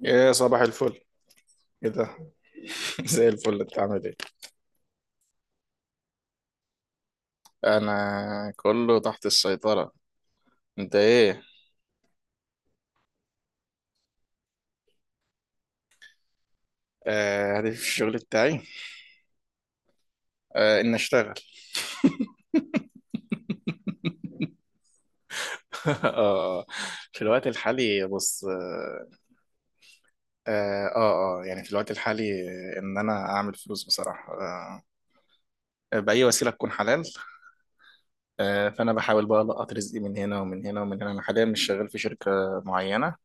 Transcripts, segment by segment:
يا صباح الفل. ايه ده؟ زي الفل، انت عامل ايه؟ انا كله تحت السيطرة. انت ايه؟ هدفي في الشغل بتاعي، ان اشتغل. اه في الوقت الحالي، بص، اه يعني في الوقت الحالي، ان انا اعمل فلوس بصراحة، بأي وسيلة تكون حلال. فانا بحاول بقى القط رزقي من هنا ومن هنا ومن هنا. انا حاليا مش شغال في شركة معينة،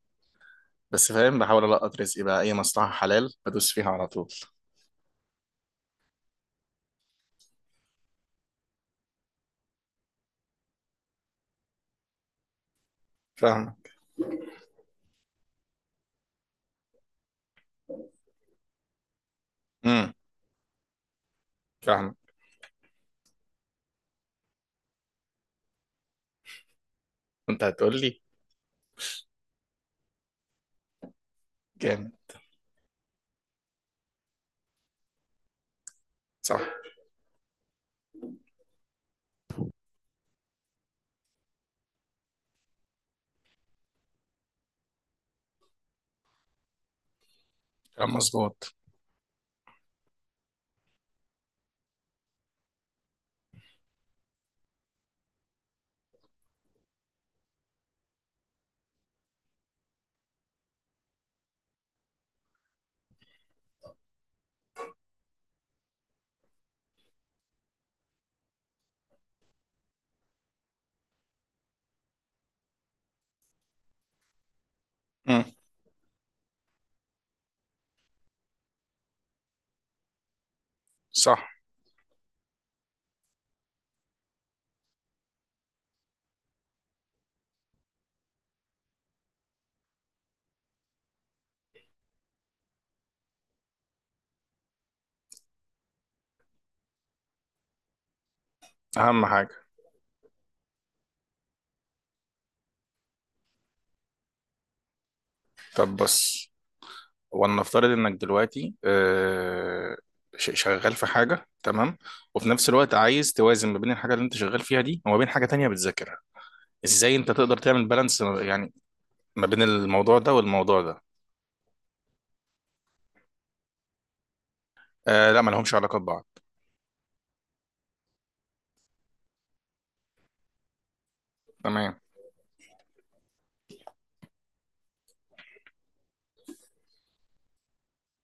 بس فاهم، بحاول القط رزقي بقى اي مصلحة حلال بدوس فيها على طول. فاهمك. امم. فاهمك. انت هتقول لي. جامد. صح. كان مظبوط. مم. صح. اهم حاجه. طب بص، ولنفترض انك دلوقتي شغال في حاجه، تمام، وفي نفس الوقت عايز توازن ما بين الحاجه اللي انت شغال فيها دي وما بين حاجه تانية بتذاكرها. ازاي انت تقدر تعمل بالانس يعني ما بين الموضوع ده والموضوع ده؟ آه لا، ما لهمش علاقه ببعض. تمام.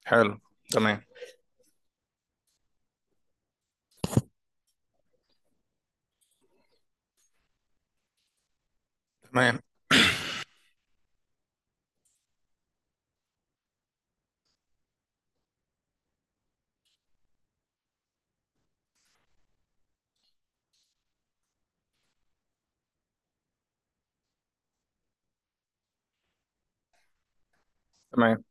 حلو. تمام. تمام. تمام.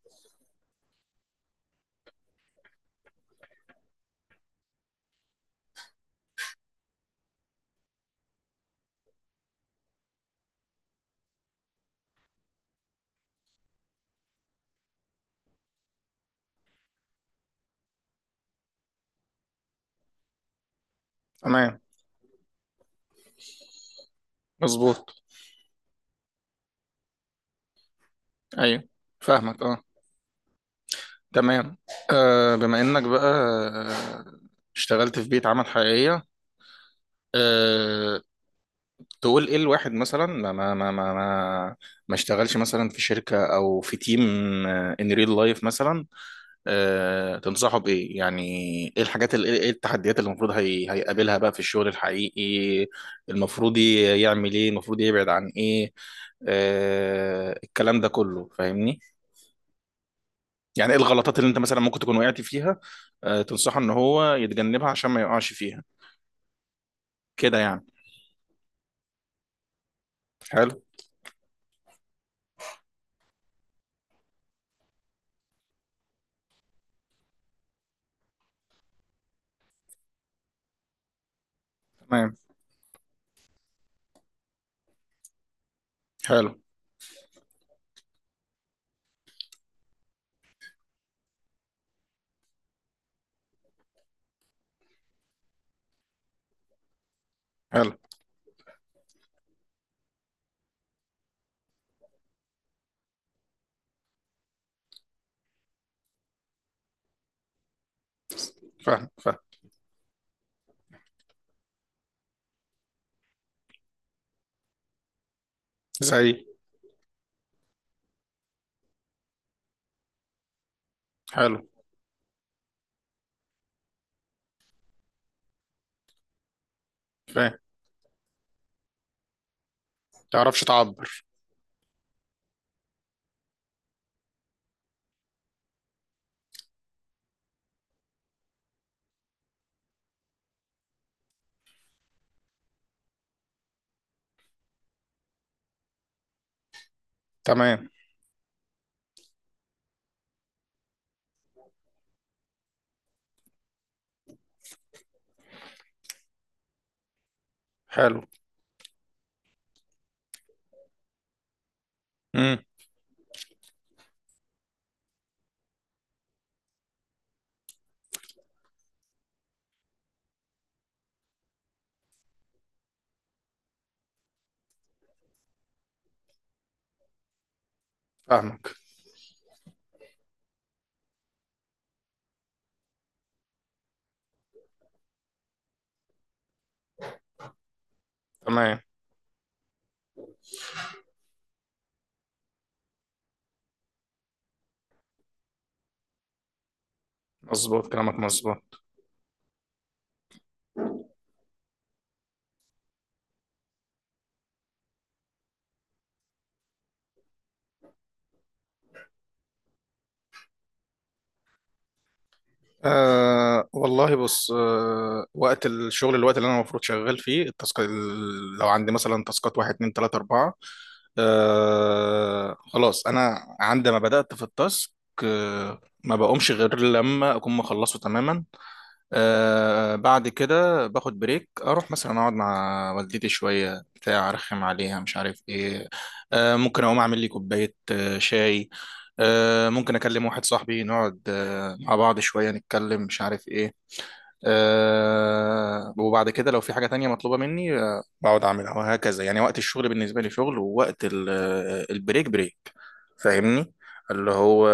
تمام. مظبوط. ايوه، فاهمك. اه. تمام. آه بما انك بقى اشتغلت في بيئة عمل حقيقية، آه، تقول ايه الواحد مثلا ما اشتغلش مثلا في شركة او في تيم، ان ريل لايف مثلا؟ آه، تنصحه بايه يعني؟ ايه الحاجات ايه التحديات اللي المفروض هي هيقابلها بقى في الشغل الحقيقي؟ المفروض يعمل ايه؟ المفروض يبعد عن ايه؟ آه، الكلام ده كله، فاهمني؟ يعني ايه الغلطات اللي انت مثلا ممكن تكون وقعت فيها تنصحه ان هو يتجنبها عشان ما يقعش فيها؟ كده يعني. حلو. تمام. حلو. حلو. فاهم زي حلو فاهم تعرفش تعبر. تمام. حلو. امم. فاهمك. تمام. مظبوط كلامك، مظبوط. أه والله بص، أه، وقت الشغل الوقت اللي انا المفروض شغال فيه، التاسك لو عندي مثلا تاسكات واحد اتنين تلاته اربعه، أه خلاص انا عندما بدأت في التاسك، أه ما بقومش غير لما اكون مخلصه تماما. آه بعد كده باخد بريك، اروح مثلا اقعد مع والدتي شويه بتاع، ارخم عليها مش عارف ايه. آه ممكن اقوم اعمل لي كوبايه آه شاي، آه ممكن اكلم واحد صاحبي نقعد آه مع بعض شويه نتكلم مش عارف ايه. آه وبعد كده لو في حاجه تانية مطلوبه مني آه بقعد اعملها وهكذا. يعني وقت الشغل بالنسبه لي شغل، ووقت البريك بريك. فاهمني؟ اللي هو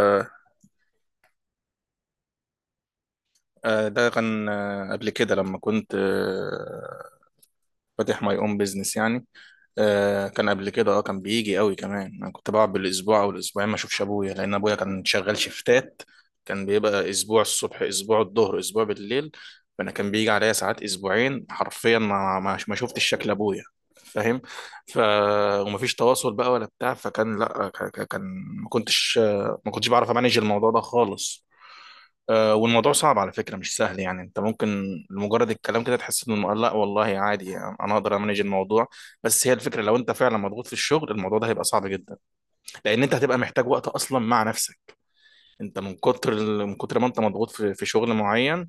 ده كان قبل كده لما كنت فاتح ماي اون بيزنس يعني. آه كان قبل كده، اه كان بيجي قوي كمان. انا كنت بقعد بالاسبوع او الاسبوعين ما اشوفش ابويا، لان ابويا كان شغال شيفتات. كان بيبقى اسبوع الصبح، اسبوع الظهر، اسبوع بالليل. فانا كان بيجي عليا ساعات اسبوعين حرفيا ما شفتش شكل ابويا. فاهم؟ ف ومفيش تواصل بقى ولا بتاع. فكان لا، كان ما كنتش بعرف امانج الموضوع ده خالص. والموضوع صعب على فكرة، مش سهل. يعني انت ممكن لمجرد الكلام كده تحس انه لا والله عادي يعني انا اقدر امانج الموضوع، بس هي الفكرة لو انت فعلا مضغوط في الشغل، الموضوع ده هيبقى صعب جدا. لان انت هتبقى محتاج وقت اصلا مع نفسك. انت من كتر من كتر ما انت مضغوط في شغل معين،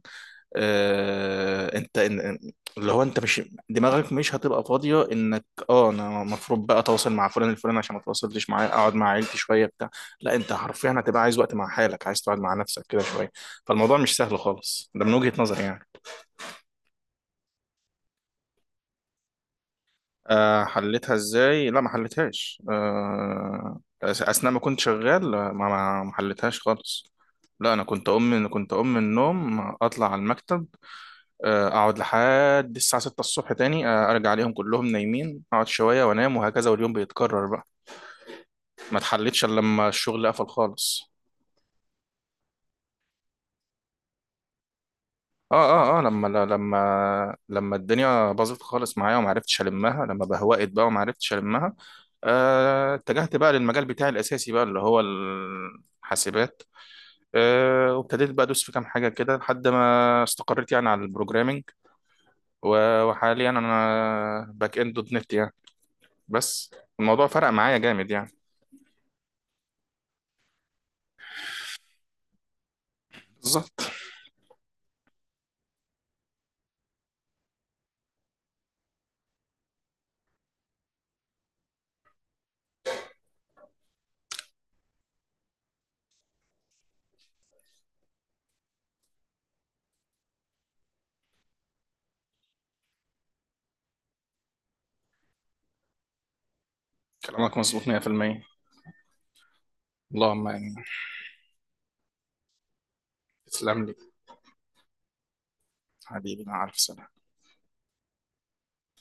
انت اللي هو انت مش، دماغك مش هتبقى فاضيه انك اه انا المفروض بقى اتواصل مع فلان الفلاني عشان ما اتواصلتش معاه، اقعد مع عيلتي شويه بتاع. لا، انت حرفيا هتبقى عايز وقت مع حالك، عايز تقعد مع نفسك كده شويه. فالموضوع مش سهل خالص ده من وجهه نظري يعني. أه حلتها ازاي؟ لا ما حلتهاش. أه اثناء ما كنت شغال ما ما ما حلتهاش خالص. لا انا كنت اقوم من النوم اطلع على المكتب، اقعد لحد الساعه 6 الصبح تاني، ارجع عليهم كلهم نايمين، اقعد شويه وانام، وهكذا واليوم بيتكرر بقى. ما اتحلتش الا لما الشغل قفل خالص. اه اه لما الدنيا باظت خالص معايا وما عرفتش المها، لما بهوقت بقى وما عرفتش المها، اتجهت بقى للمجال بتاعي الاساسي بقى اللي هو الحاسبات. وابتديت بقى ادوس في كام حاجه كده لحد ما استقريت يعني على البروجرامينج. وحاليا انا باك اند دوت نت يعني. بس الموضوع فرق معايا جامد يعني. بالظبط، كلامك مظبوط 100%. اللهم يعني. تسلم لي. حبيبي مع ألف سلامة.